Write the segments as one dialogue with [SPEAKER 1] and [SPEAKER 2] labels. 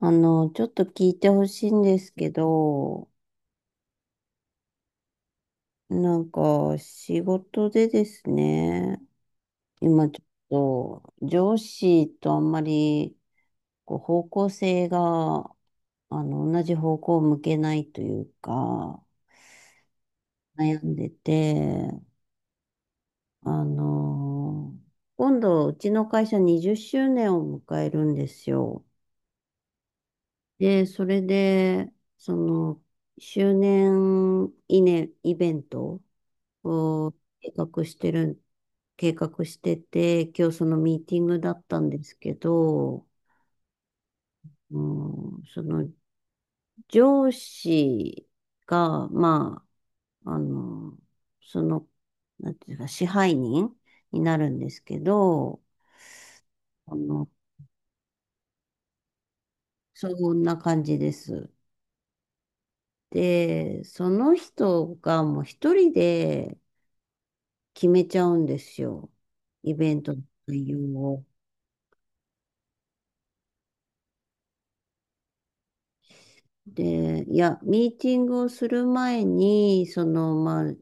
[SPEAKER 1] ちょっと聞いてほしいんですけど、仕事でですね、今ちょっと上司とあんまりこう方向性が、同じ方向を向けないというか、悩んでて、あの、今度うちの会社20周年を迎えるんですよ。で、それで、その、周年記念イベントこう、計画してるん、計画してて、今日そのミーティングだったんですけど、うん、その上司が、まあ、その、なんていうか、支配人になるんですけど、あの、そんな感じです。で、その人がもう一人で決めちゃうんですよ。イベントの内容を。で、いや、ミーティングをする前に、その、まあ、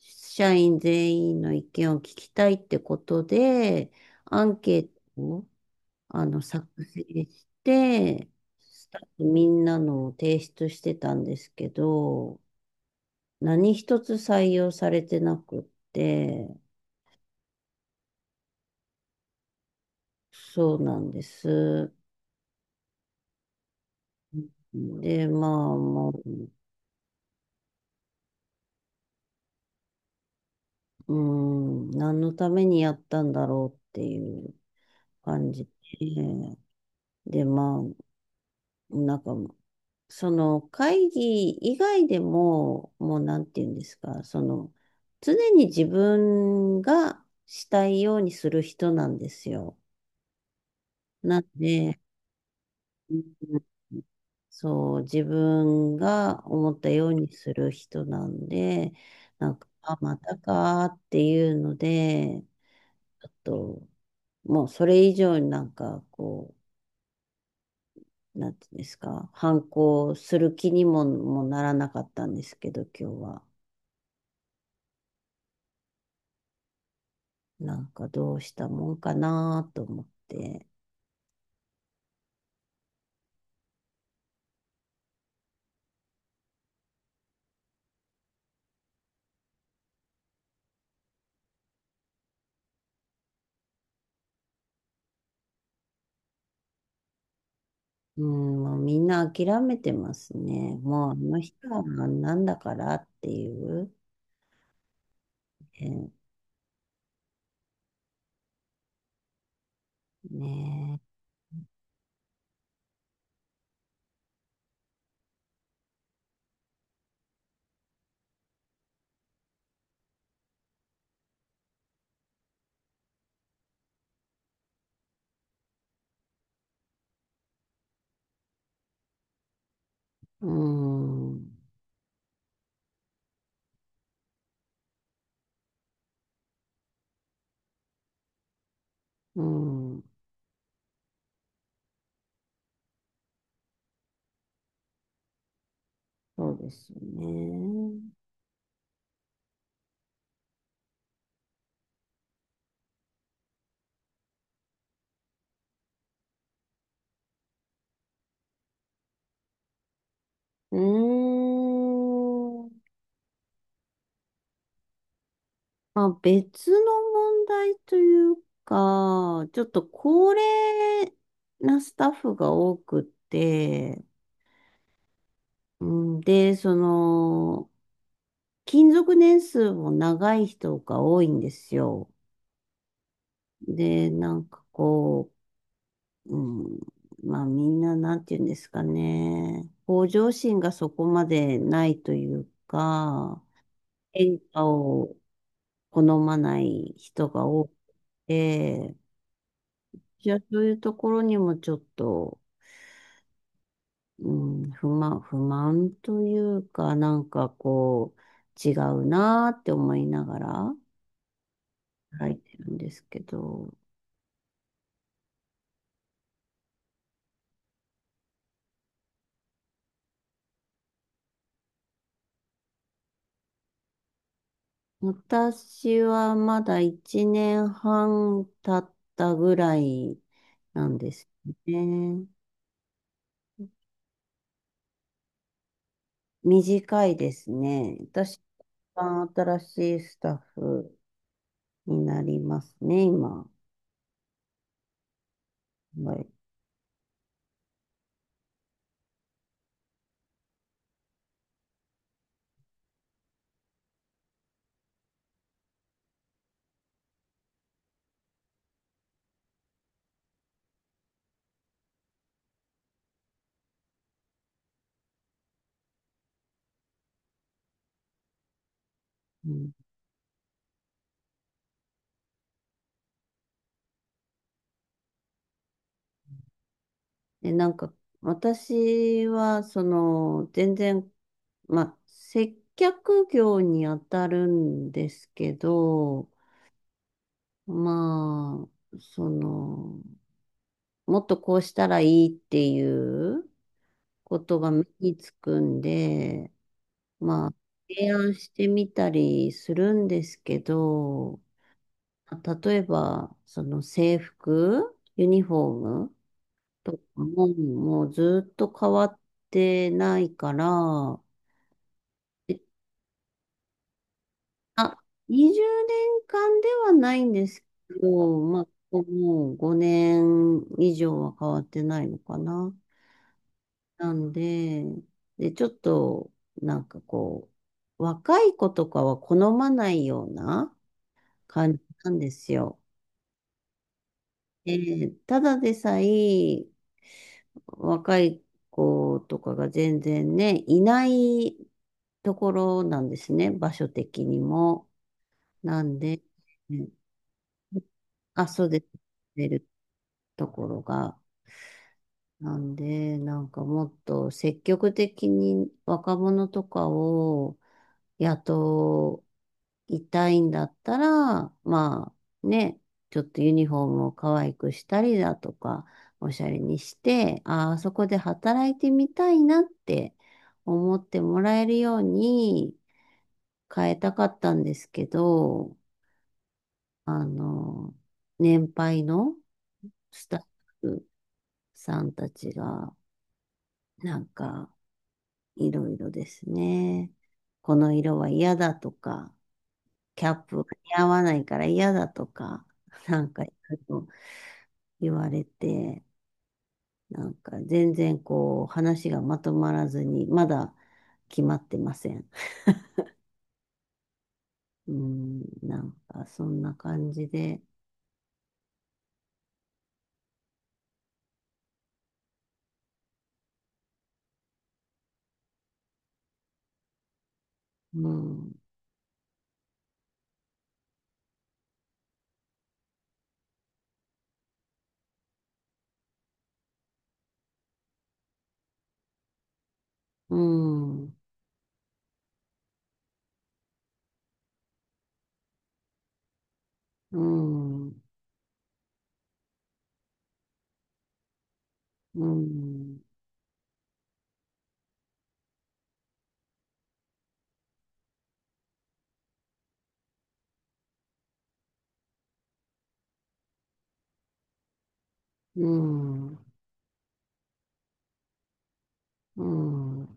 [SPEAKER 1] 社員全員の意見を聞きたいってことで、アンケートを、作成して、スタッフみんなのを提出してたんですけど、何一つ採用されてなくって、そうなんです。で、まあ、もう、うん、何のためにやったんだろうっていう感じで。で、まあ、なんか、その会議以外でも、もうなんて言うんですか、その、常に自分がしたいようにする人なんですよ。なんで、うんそう、自分が思ったようにする人なんで、なんか、あ、またかーっていうので、ちょっと、もうそれ以上になんか、こう、なんていうんですか、反抗する気にも、もならなかったんですけど、今日は。なんかどうしたもんかなと思って。うん、もうみんな諦めてますね。もうあの人はあんなんだからっていう。えーねえ。うん。うん。そうですよね。うーん。まあ、別の問題というか、ちょっと高齢なスタッフが多くって、うんで、その、勤続年数も長い人が多いんですよ。で、なんかこう、うん、まあみんななんて言うんですかね、向上心がそこまでないというか、変化を好まない人が多くて、いや、そういうところにもちょっと、うん、不満というか、なんかこう、違うなーって思いながら書いてるんですけど、私はまだ1年半経ったぐらいなんですね。短いですね。私が新しいスタッフになりますね、今。はい。うんえ、なんか、私は、その、全然、まあ、接客業に当たるんですけど、まあ、その、もっとこうしたらいいっていうことが目につくんで、まあ、提案してみたりするんですけど、例えば、その制服、ユニフォームとかも、もうずっと変わってないから、えあ、20年間ではないんですけど、まあ、もう5年以上は変わってないのかな。なんで、で、ちょっと、なんかこう、若い子とかは好まないような感じなんですよ。えーただでさえ、若い子とかが全然ね、いないところなんですね、場所的にも。なんで、うんあ、そうです。出るところがなんで、なんかもっと積極的に若者とかを雇いたいんだったら、まあね、ちょっとユニフォームを可愛くしたりだとか、おしゃれにして、ああ、そこで働いてみたいなって思ってもらえるように変えたかったんですけど、あの、年配のスタッフさんたちが、なんか、いろいろですね。この色は嫌だとか、キャップが似合わないから嫌だとか、なんかいろいろ言われて、なんか全然こう話がまとまらずに、まだ決まってません。うん、なんかそんな感じで、うん、うん、うん、うん、うん、うん、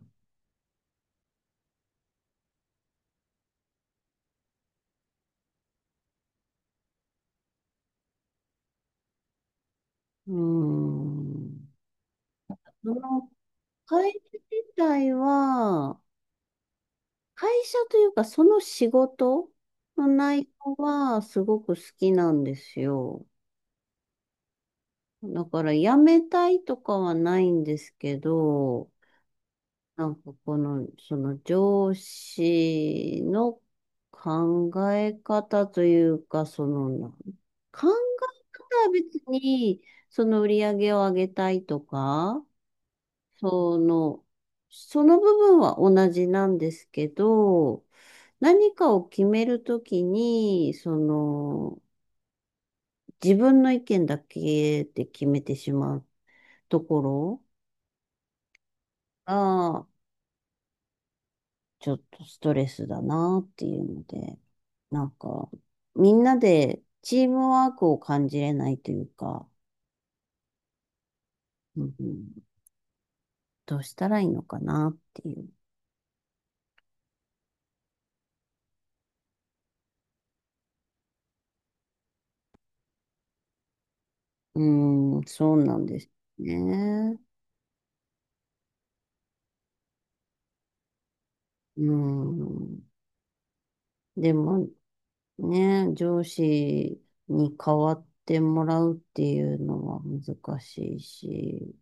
[SPEAKER 1] うん。その会社自体は、会社というか、その仕事の内容はすごく好きなんですよ。だから辞めたいとかはないんですけど、なんかこの、その上司の考え方というか、その、なん考え方は別に、その売り上げを上げたいとか、その、その部分は同じなんですけど、何かを決めるときに、その、自分の意見だけで決めてしまうところが、ちょっとストレスだなっていうので、なんか、みんなでチームワークを感じれないというか、うんうんどうしたらいいのかなっていう。うーん、そうなんですね。うん。でも、ね、上司に代わってもらうっていうのは難しいし、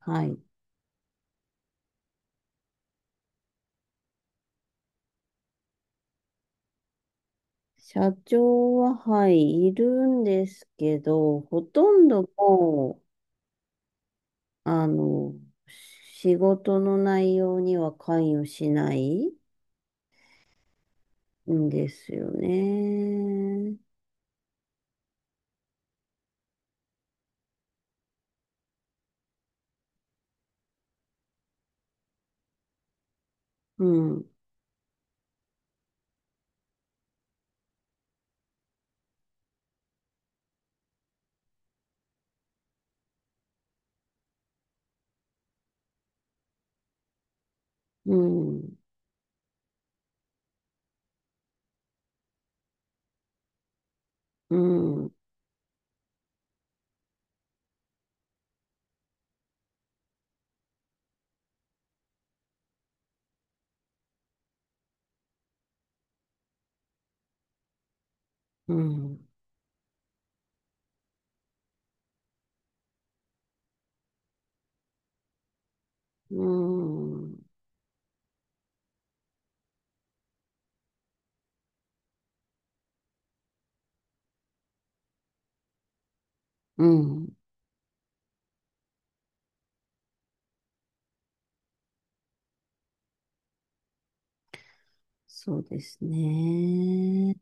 [SPEAKER 1] はい。社長は、はい、いるんですけど、ほとんどもう、あの、仕事の内容には関与しないんですよね。うん、うん、うん、うん、うん、うん、そうですね。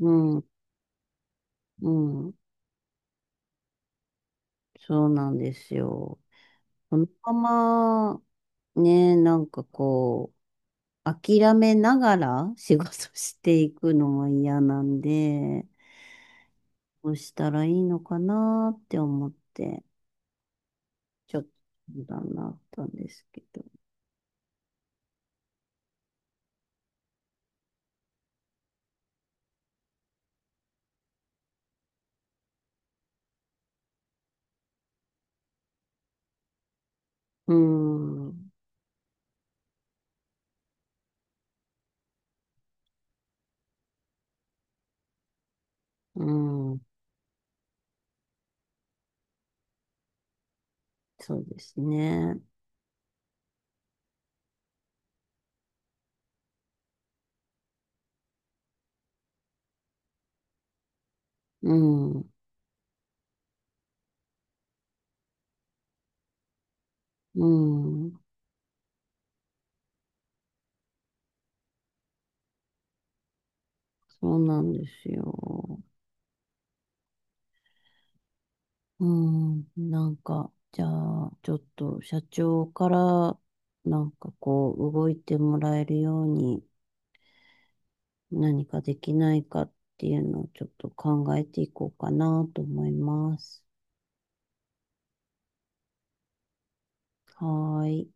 [SPEAKER 1] うん、うん。そうなんですよ。このまま、ね、なんかこう、諦めながら仕事していくのも嫌なんで、どうしたらいいのかなって思って、ちょっと相談があったんですけど。うーん、うん、そうですね。うん、うん、そうなんですよ。うん、なんか、じゃあ、ちょっと社長から、なんかこう、動いてもらえるように何かできないかっていうのをちょっと考えていこうかなと思います。はーい。